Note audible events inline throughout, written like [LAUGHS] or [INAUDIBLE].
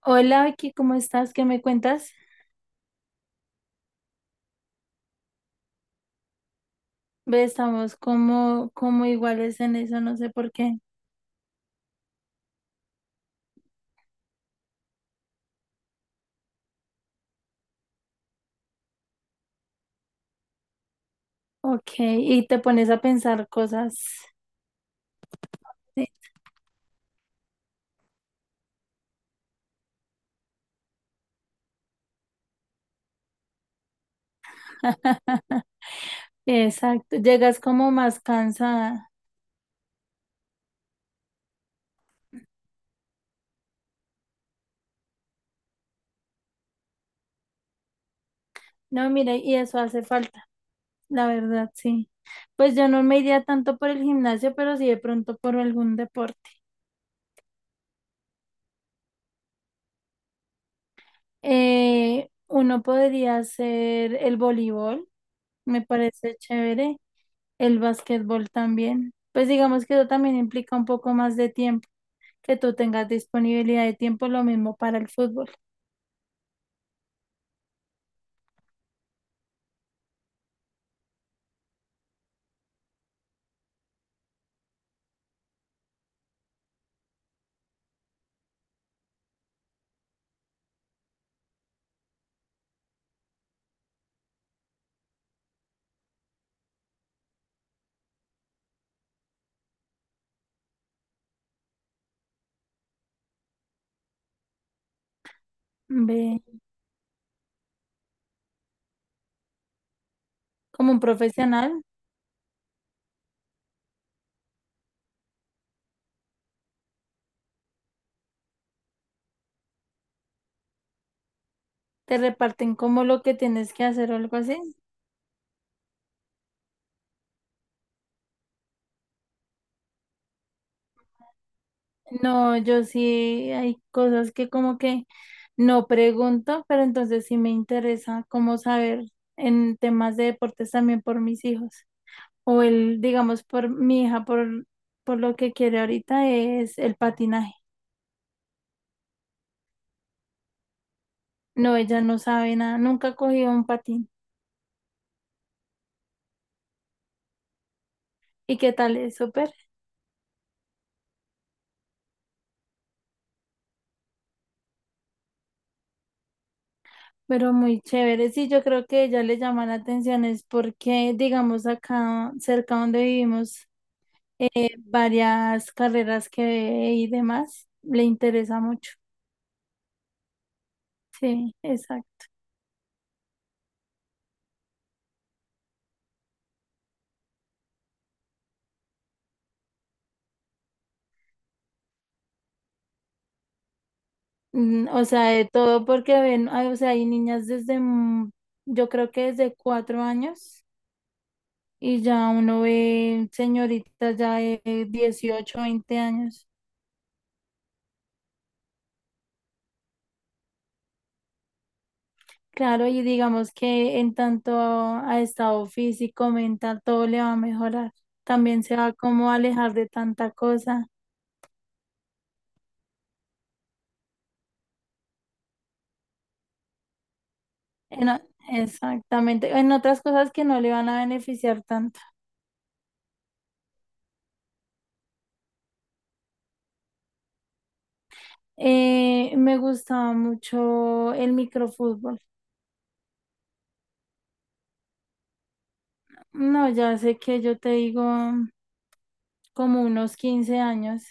Hola Vicky, ¿cómo estás? ¿Qué me cuentas? Ve, estamos como, como iguales en eso, no sé por qué. Ok, y te pones a pensar cosas. Sí. [LAUGHS] Exacto, llegas como más cansada. No, mira, y eso hace falta, la verdad, sí. Pues yo no me iría tanto por el gimnasio, pero sí de pronto por algún deporte. Uno podría hacer el voleibol, me parece chévere. El básquetbol también. Pues digamos que eso también implica un poco más de tiempo, que tú tengas disponibilidad de tiempo, lo mismo para el fútbol. Ve, como un profesional, te reparten como lo que tienes que hacer o algo así. No, yo sí hay cosas que como que no pregunto, pero entonces sí me interesa como saber en temas de deportes también por mis hijos. O el, digamos, por mi hija, por lo que quiere ahorita es el patinaje. No, ella no sabe nada, nunca ha cogido un patín. ¿Y qué tal? Es súper, pero muy chévere. Sí, yo creo que ella le llama la atención, es porque, digamos, acá cerca donde vivimos, varias carreras que ve y demás, le interesa mucho. Sí, exacto. Mm, o sea, de todo porque ven, ay, o sea, hay niñas desde, yo creo que desde 4 años, y ya uno ve señoritas ya de 18, 20 años. Claro, y digamos que en tanto a estado físico, mental, todo le va a mejorar. También se va como a alejar de tanta cosa. En o- Exactamente. En otras cosas que no le van a beneficiar tanto. Me gustaba mucho el microfútbol. No, ya sé que yo te digo como unos 15 años.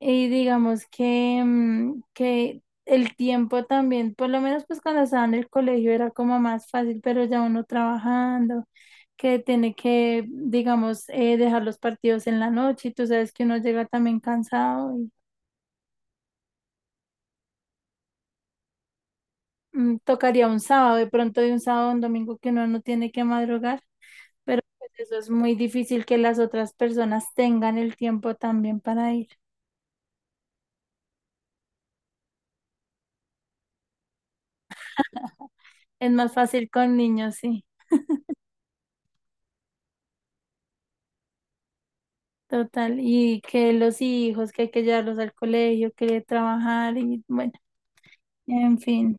Y digamos que, que el tiempo también, por lo menos pues cuando estaba en el colegio era como más fácil, pero ya uno trabajando que tiene que, digamos, dejar los partidos en la noche y tú sabes que uno llega también cansado y tocaría un sábado, de pronto de un sábado a un domingo que uno no tiene que madrugar, pero pues, eso es muy difícil que las otras personas tengan el tiempo también para ir. Es más fácil con niños, sí, total, y que los hijos, que hay que llevarlos al colegio, que trabajar y bueno, en fin.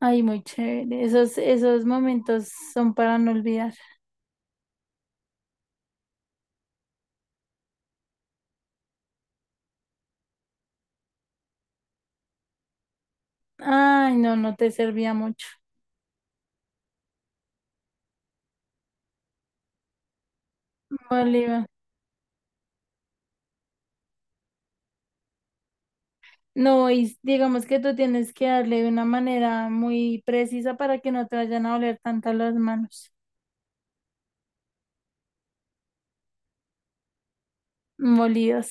Ay, muy chévere. Esos, esos momentos son para no olvidar. Ay, no, no te servía mucho. Bolívar. No, y digamos que tú tienes que darle de una manera muy precisa para que no te vayan a oler tanto las manos molidas.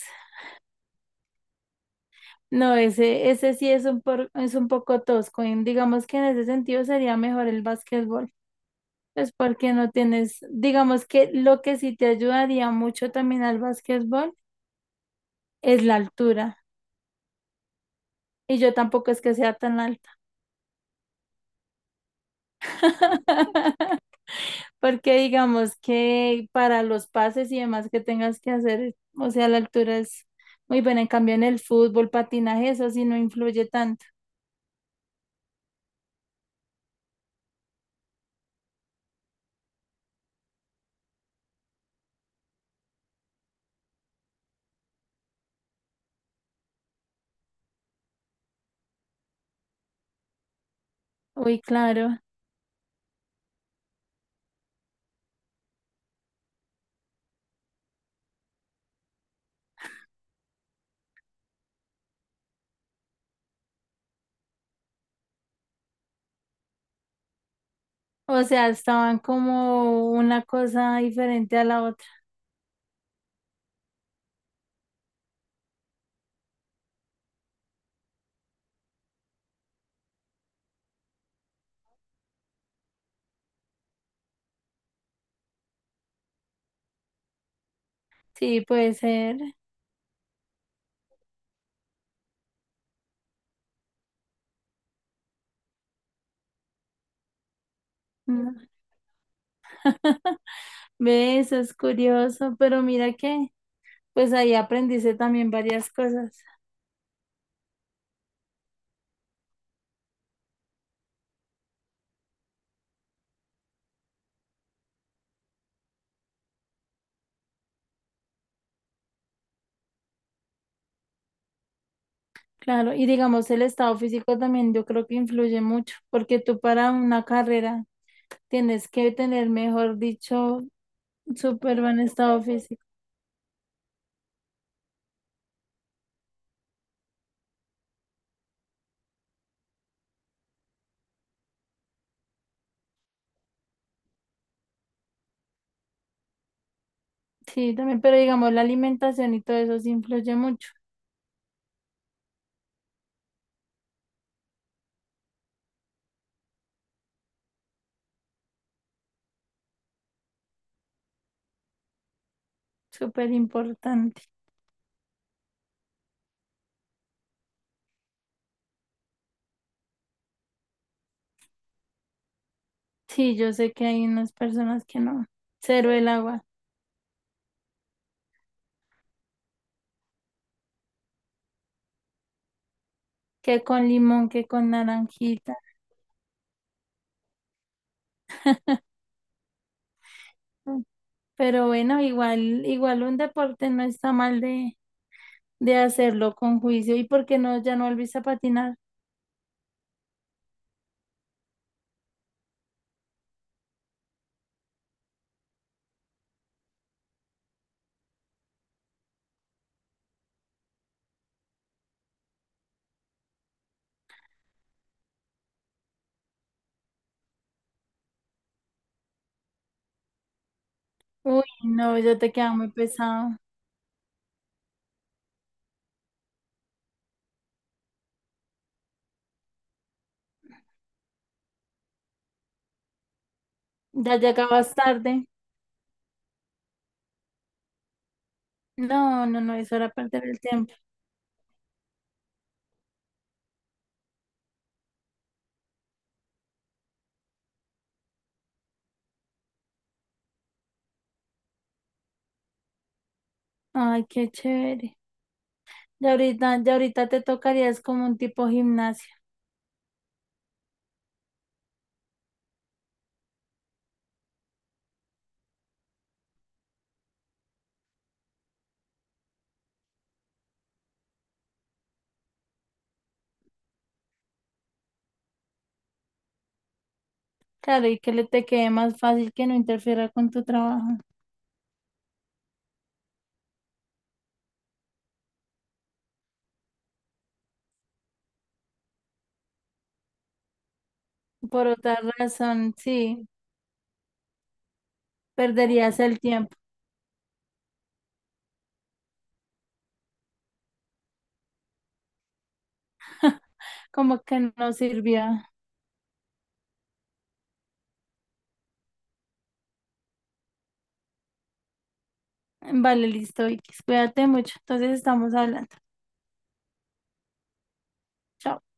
No, ese sí es un, es un poco tosco. Y digamos que en ese sentido sería mejor el básquetbol. Pues porque no tienes, digamos que lo que sí te ayudaría mucho también al básquetbol es la altura. Y yo tampoco es que sea tan alta. [LAUGHS] Porque digamos que para los pases y demás que tengas que hacer, o sea, la altura es muy buena. En cambio, en el fútbol, patinaje, eso sí no influye tanto. Uy, claro. O sea, estaban como una cosa diferente a la otra. Sí, puede ser. Mm. [LAUGHS] Ve, eso es curioso, pero mira que pues ahí aprendiste también varias cosas. Claro, y digamos el estado físico también yo creo que influye mucho, porque tú para una carrera tienes que tener, mejor dicho, súper buen estado físico. Sí, también, pero digamos, la alimentación y todo eso sí influye mucho, súper importante. Sí, yo sé que hay unas personas que no, cero el agua, que con limón, que con naranjita, ¿no? Pero bueno, igual, igual un deporte no está mal de hacerlo con juicio. ¿Y por qué no, ya no volviste a patinar? Uy, no, ya te quedaba muy pesado, ya llegabas tarde. No, no, no, eso era perder el tiempo. Ay, qué chévere. Ya ahorita te tocaría, es como un tipo gimnasia. Claro, y que le te quede más fácil que no interfiera con tu trabajo. Por otra razón, sí, perderías el tiempo. [LAUGHS] Como que no sirvió. Vale, listo, Vicky. Cuídate mucho. Entonces estamos hablando. Chao.